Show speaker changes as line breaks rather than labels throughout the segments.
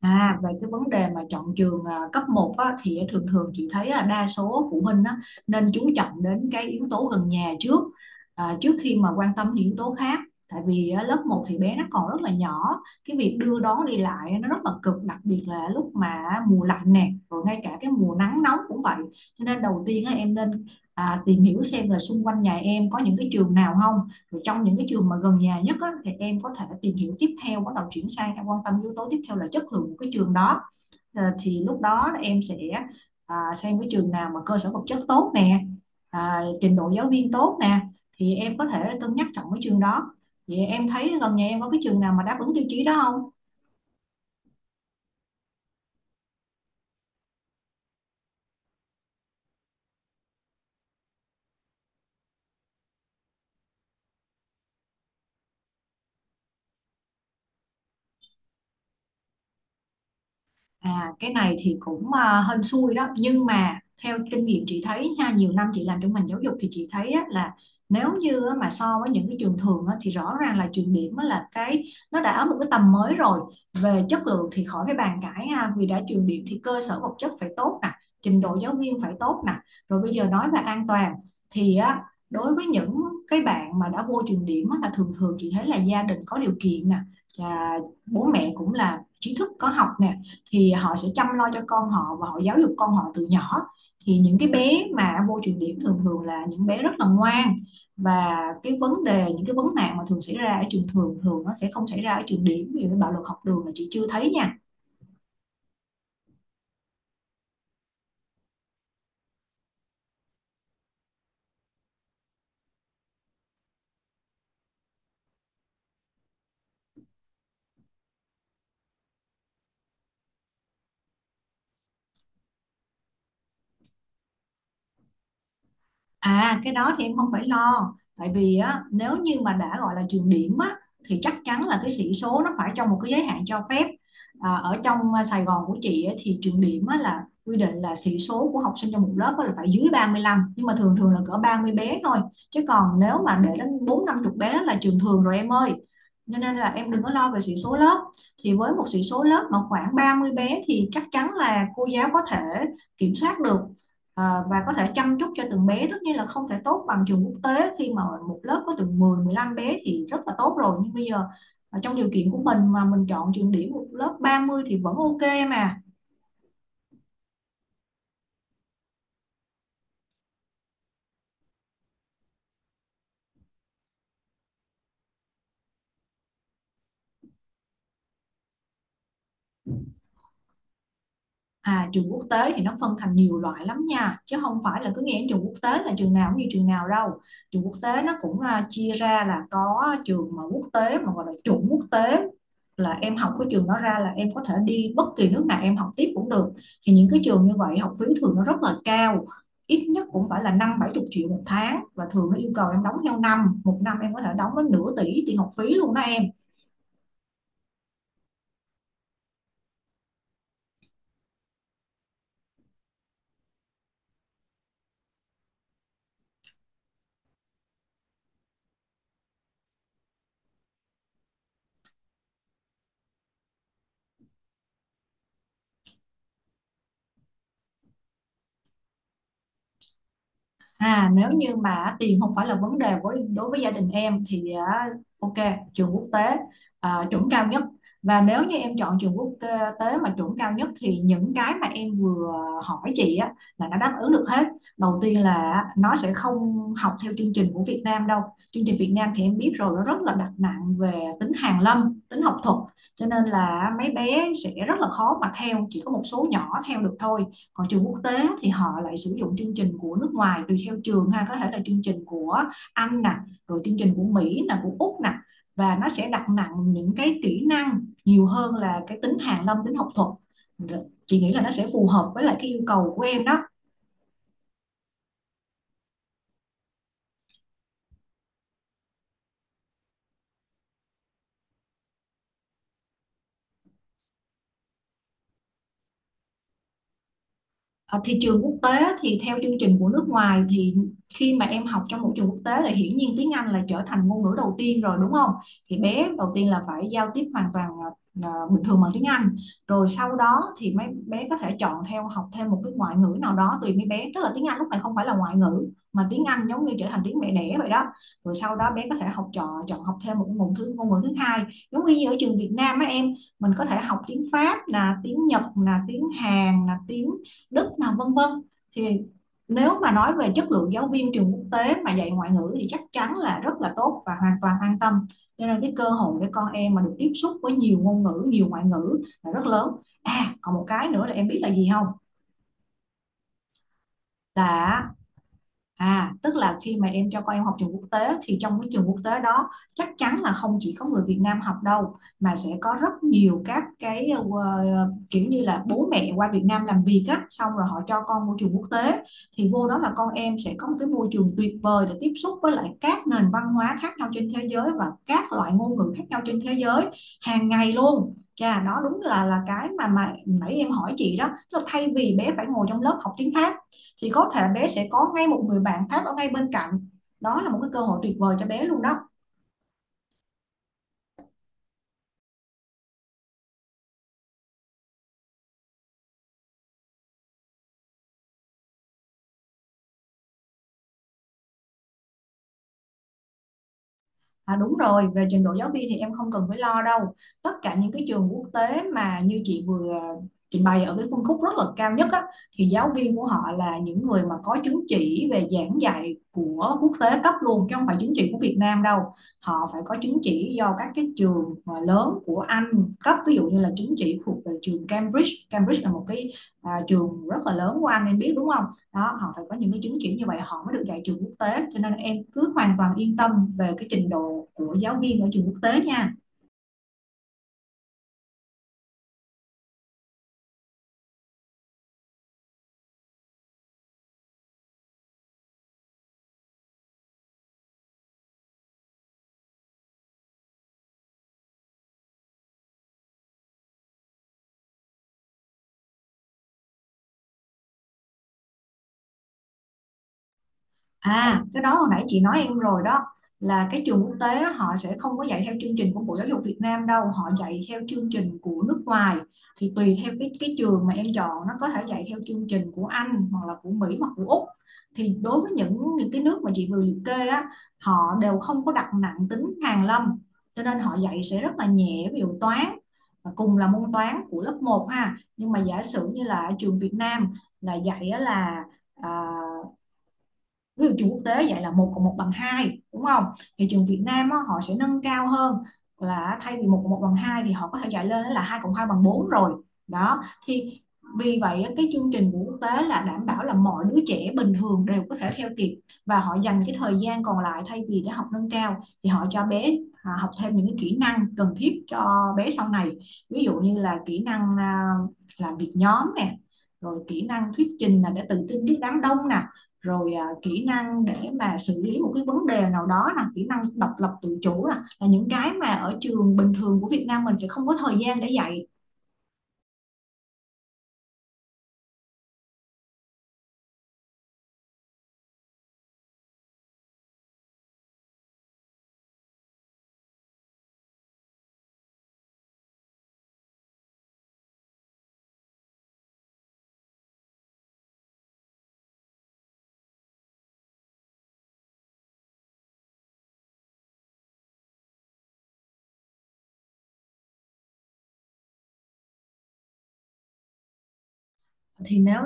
À, về cái vấn đề mà chọn trường à, cấp một á, thì thường thường chị thấy là đa số phụ huynh á, nên chú trọng đến cái yếu tố gần nhà trước trước khi mà quan tâm những yếu tố khác. Tại vì á, lớp một thì bé nó còn rất là nhỏ, cái việc đưa đón đi lại nó rất là cực, đặc biệt là lúc mà mùa lạnh nè, rồi ngay cả cái mùa nắng nóng cũng vậy. Cho nên đầu tiên á, em nên tìm hiểu xem là xung quanh nhà em có những cái trường nào không, rồi trong những cái trường mà gần nhà nhất á, thì em có thể tìm hiểu tiếp theo, bắt đầu chuyển sang em quan tâm yếu tố tiếp theo là chất lượng của cái trường đó. Ờ, thì lúc đó em sẽ à, xem cái trường nào mà cơ sở vật chất tốt nè, à, trình độ giáo viên tốt nè, thì em có thể cân nhắc chọn cái trường đó. Vậy em thấy gần nhà em có cái trường nào mà đáp ứng tiêu chí đó không? À, cái này thì cũng à, hên xui đó, nhưng mà theo kinh nghiệm chị thấy nha, nhiều năm chị làm trong ngành giáo dục thì chị thấy á, là nếu như á, mà so với những cái trường thường á, thì rõ ràng là trường điểm á, là cái nó đã ở một cái tầm mới rồi. Về chất lượng thì khỏi phải bàn cãi ha, vì đã trường điểm thì cơ sở vật chất phải tốt nè, trình độ giáo viên phải tốt nè. Rồi bây giờ nói về an toàn thì á, đối với những cái bạn mà đã vô trường điểm á, là thường thường chị thấy là gia đình có điều kiện nè, và bố mẹ cũng là trí thức có học nè, thì họ sẽ chăm lo cho con họ và họ giáo dục con họ từ nhỏ, thì những cái bé mà vô trường điểm thường thường là những bé rất là ngoan. Và cái vấn đề những cái vấn nạn mà thường xảy ra ở trường thường thường nó sẽ không xảy ra ở trường điểm, vì bạo lực học đường là chị chưa thấy nha. À, cái đó thì em không phải lo, tại vì á, nếu như mà đã gọi là trường điểm á, thì chắc chắn là cái sĩ số nó phải trong một cái giới hạn cho phép. À, ở trong à, Sài Gòn của chị á, thì trường điểm á, là quy định là sĩ số của học sinh trong một lớp á, là phải dưới 35, nhưng mà thường thường là cỡ 30 bé thôi, chứ còn nếu mà để đến bốn năm chục bé là trường thường rồi em ơi. Cho nên là em đừng có lo về sĩ số lớp, thì với một sĩ số lớp mà khoảng 30 bé thì chắc chắn là cô giáo có thể kiểm soát được. Ờ, và có thể chăm chút cho từng bé, tất nhiên là không thể tốt bằng trường quốc tế khi mà một lớp có từ 10 15 bé thì rất là tốt rồi, nhưng bây giờ trong điều kiện của mình mà mình chọn trường điểm một lớp 30 thì vẫn ok mà. À, trường quốc tế thì nó phân thành nhiều loại lắm nha, chứ không phải là cứ nghĩ đến trường quốc tế là trường nào cũng như trường nào đâu. Trường quốc tế nó cũng à, chia ra là có trường mà quốc tế mà gọi là chuẩn quốc tế, là em học cái trường đó ra là em có thể đi bất kỳ nước nào em học tiếp cũng được. Thì những cái trường như vậy học phí thường nó rất là cao, ít nhất cũng phải là năm bảy chục triệu một tháng, và thường nó yêu cầu em đóng theo năm, một năm em có thể đóng đến nửa tỷ tiền học phí luôn đó em. À, nếu như mà tiền không phải là vấn đề với đối với gia đình em thì à, ok, trường quốc tế à, chuẩn cao nhất, và nếu như em chọn trường quốc tế mà chuẩn cao nhất thì những cái mà em vừa hỏi chị á, là nó đáp ứng được hết. Đầu tiên là nó sẽ không học theo chương trình của Việt Nam đâu, chương trình Việt Nam thì em biết rồi, nó rất là đặt nặng về tính hàn lâm, tính học thuật, cho nên là mấy bé sẽ rất là khó mà theo, chỉ có một số nhỏ theo được thôi. Còn trường quốc tế thì họ lại sử dụng chương trình của nước ngoài, tùy theo trường ha, có thể là chương trình của Anh nè, rồi chương trình của Mỹ nè, của Úc nè, và nó sẽ đặt nặng những cái kỹ năng nhiều hơn là cái tính hàn lâm, tính học thuật. Chị nghĩ là nó sẽ phù hợp với lại cái yêu cầu của em đó. Ở thị trường quốc tế thì theo chương trình của nước ngoài, thì khi mà em học trong môi trường quốc tế thì hiển nhiên tiếng Anh là trở thành ngôn ngữ đầu tiên rồi đúng không? Thì bé đầu tiên là phải giao tiếp hoàn toàn bình thường bằng tiếng Anh. Rồi sau đó thì mấy bé có thể chọn theo học thêm một cái ngoại ngữ nào đó tùy mấy bé. Tức là tiếng Anh lúc này không phải là ngoại ngữ, mà tiếng Anh giống như trở thành tiếng mẹ đẻ vậy đó. Rồi sau đó bé có thể học chọn chọn học thêm một ngôn ngữ thứ hai. Giống như ở trường Việt Nam á em, mình có thể học tiếng Pháp, là tiếng Nhật, là tiếng Hàn, là tiếng Đức nào vân vân, thì nếu mà nói về chất lượng giáo viên trường quốc tế mà dạy ngoại ngữ thì chắc chắn là rất là tốt và hoàn toàn an tâm. Cho nên cái cơ hội để con em mà được tiếp xúc với nhiều ngôn ngữ, nhiều ngoại ngữ là rất lớn. À, còn một cái nữa là em biết là gì không, là À, tức là khi mà em cho con em học trường quốc tế thì trong cái trường quốc tế đó chắc chắn là không chỉ có người Việt Nam học đâu, mà sẽ có rất nhiều các cái kiểu như là bố mẹ qua Việt Nam làm việc á, xong rồi họ cho con môi trường quốc tế, thì vô đó là con em sẽ có một cái môi trường tuyệt vời để tiếp xúc với lại các nền văn hóa khác nhau trên thế giới, và các loại ngôn ngữ khác nhau trên thế giới hàng ngày luôn. Chà, đó đúng là cái mà nãy em hỏi chị đó, tức là thay vì bé phải ngồi trong lớp học tiếng Pháp thì có thể bé sẽ có ngay một người bạn Pháp ở ngay bên cạnh, đó là một cái cơ hội tuyệt vời cho bé luôn đó. À đúng rồi, về trình độ giáo viên thì em không cần phải lo đâu, tất cả những cái trường quốc tế mà như chị vừa trình bày ở cái phân khúc rất là cao nhất á, thì giáo viên của họ là những người mà có chứng chỉ về giảng dạy của quốc tế cấp luôn, chứ không phải chứng chỉ của Việt Nam đâu. Họ phải có chứng chỉ do các cái trường mà lớn của Anh cấp, ví dụ như là chứng chỉ thuộc về trường Cambridge, Cambridge là một cái à, trường rất là lớn của Anh em biết đúng không, đó họ phải có những cái chứng chỉ như vậy họ mới được dạy trường quốc tế, cho nên em cứ hoàn toàn yên tâm về cái trình độ của giáo viên ở trường quốc tế nha. À, cái đó hồi nãy chị nói em rồi đó, là cái trường quốc tế á, họ sẽ không có dạy theo chương trình của Bộ Giáo dục Việt Nam đâu, họ dạy theo chương trình của nước ngoài. Thì tùy theo cái trường mà em chọn, nó có thể dạy theo chương trình của Anh hoặc là của Mỹ hoặc của Úc. Thì đối với những cái nước mà chị vừa liệt kê á, họ đều không có đặt nặng tính hàn lâm, cho nên họ dạy sẽ rất là nhẹ, ví dụ toán và cùng là môn toán của lớp một ha. Nhưng mà giả sử như là ở trường Việt Nam là dạy á là à, ví dụ trường quốc tế dạy là một cộng một bằng hai đúng không, thì trường Việt Nam á, họ sẽ nâng cao hơn, là thay vì một cộng một bằng hai thì họ có thể dạy lên là hai cộng hai bằng bốn rồi đó. Thì vì vậy cái chương trình của quốc tế là đảm bảo là mọi đứa trẻ bình thường đều có thể theo kịp, và họ dành cái thời gian còn lại thay vì để học nâng cao thì họ cho bé học thêm những cái kỹ năng cần thiết cho bé sau này, ví dụ như là kỹ năng à, làm việc nhóm nè, rồi kỹ năng thuyết trình là để tự tin trước đám đông nè, rồi à, kỹ năng để mà xử lý một cái vấn đề nào đó, là kỹ năng độc lập tự chủ, là những cái mà ở trường bình thường của Việt Nam mình sẽ không có thời gian để dạy. Thì nếu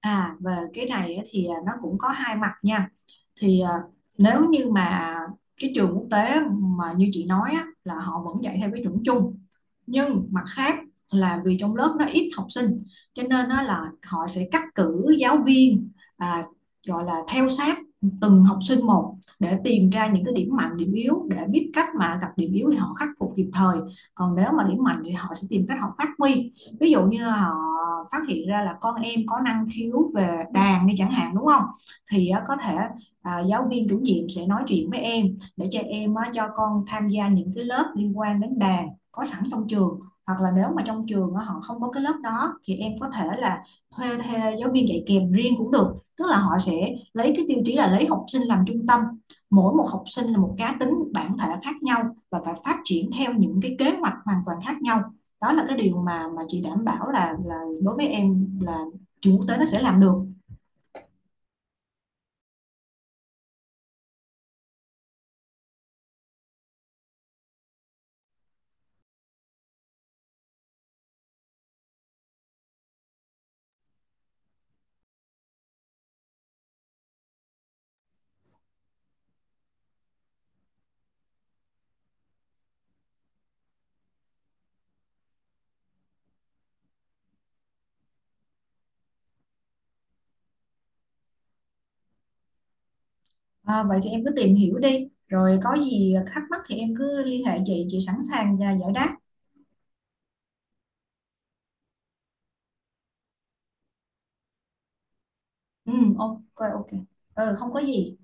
À, về cái này thì à, nó cũng có hai mặt nha. Thì à, nếu như mà cái trường quốc tế mà như chị nói á, là họ vẫn dạy theo cái chuẩn chung, nhưng mặt khác là vì trong lớp nó ít học sinh, cho nên á, là họ sẽ cắt cử giáo viên à, gọi là theo sát từng học sinh một, để tìm ra những cái điểm mạnh điểm yếu, để biết cách mà gặp điểm yếu thì họ khắc phục kịp thời, còn nếu mà điểm mạnh thì họ sẽ tìm cách họ phát huy. Ví dụ như họ phát hiện ra là con em có năng khiếu về đàn đi chẳng hạn, đúng không, thì á, có thể à, giáo viên chủ nhiệm sẽ nói chuyện với em để cho em á, cho con tham gia những cái lớp liên quan đến đàn có sẵn trong trường, hoặc là nếu mà trong trường á, họ không có cái lớp đó thì em có thể là thuê giáo viên dạy kèm riêng cũng được. Tức là họ sẽ lấy cái tiêu chí là lấy học sinh làm trung tâm, mỗi một học sinh là một cá tính bản thể khác nhau, và phải phát triển theo những cái kế hoạch hoàn toàn khác nhau. Đó là cái điều mà chị đảm bảo là đối với em là trường quốc tế nó sẽ làm được. À, vậy thì em cứ tìm hiểu đi, rồi có gì thắc mắc thì em cứ liên hệ chị sẵn sàng và giải đáp. Ừ, ok, ok. Ừ, không có gì.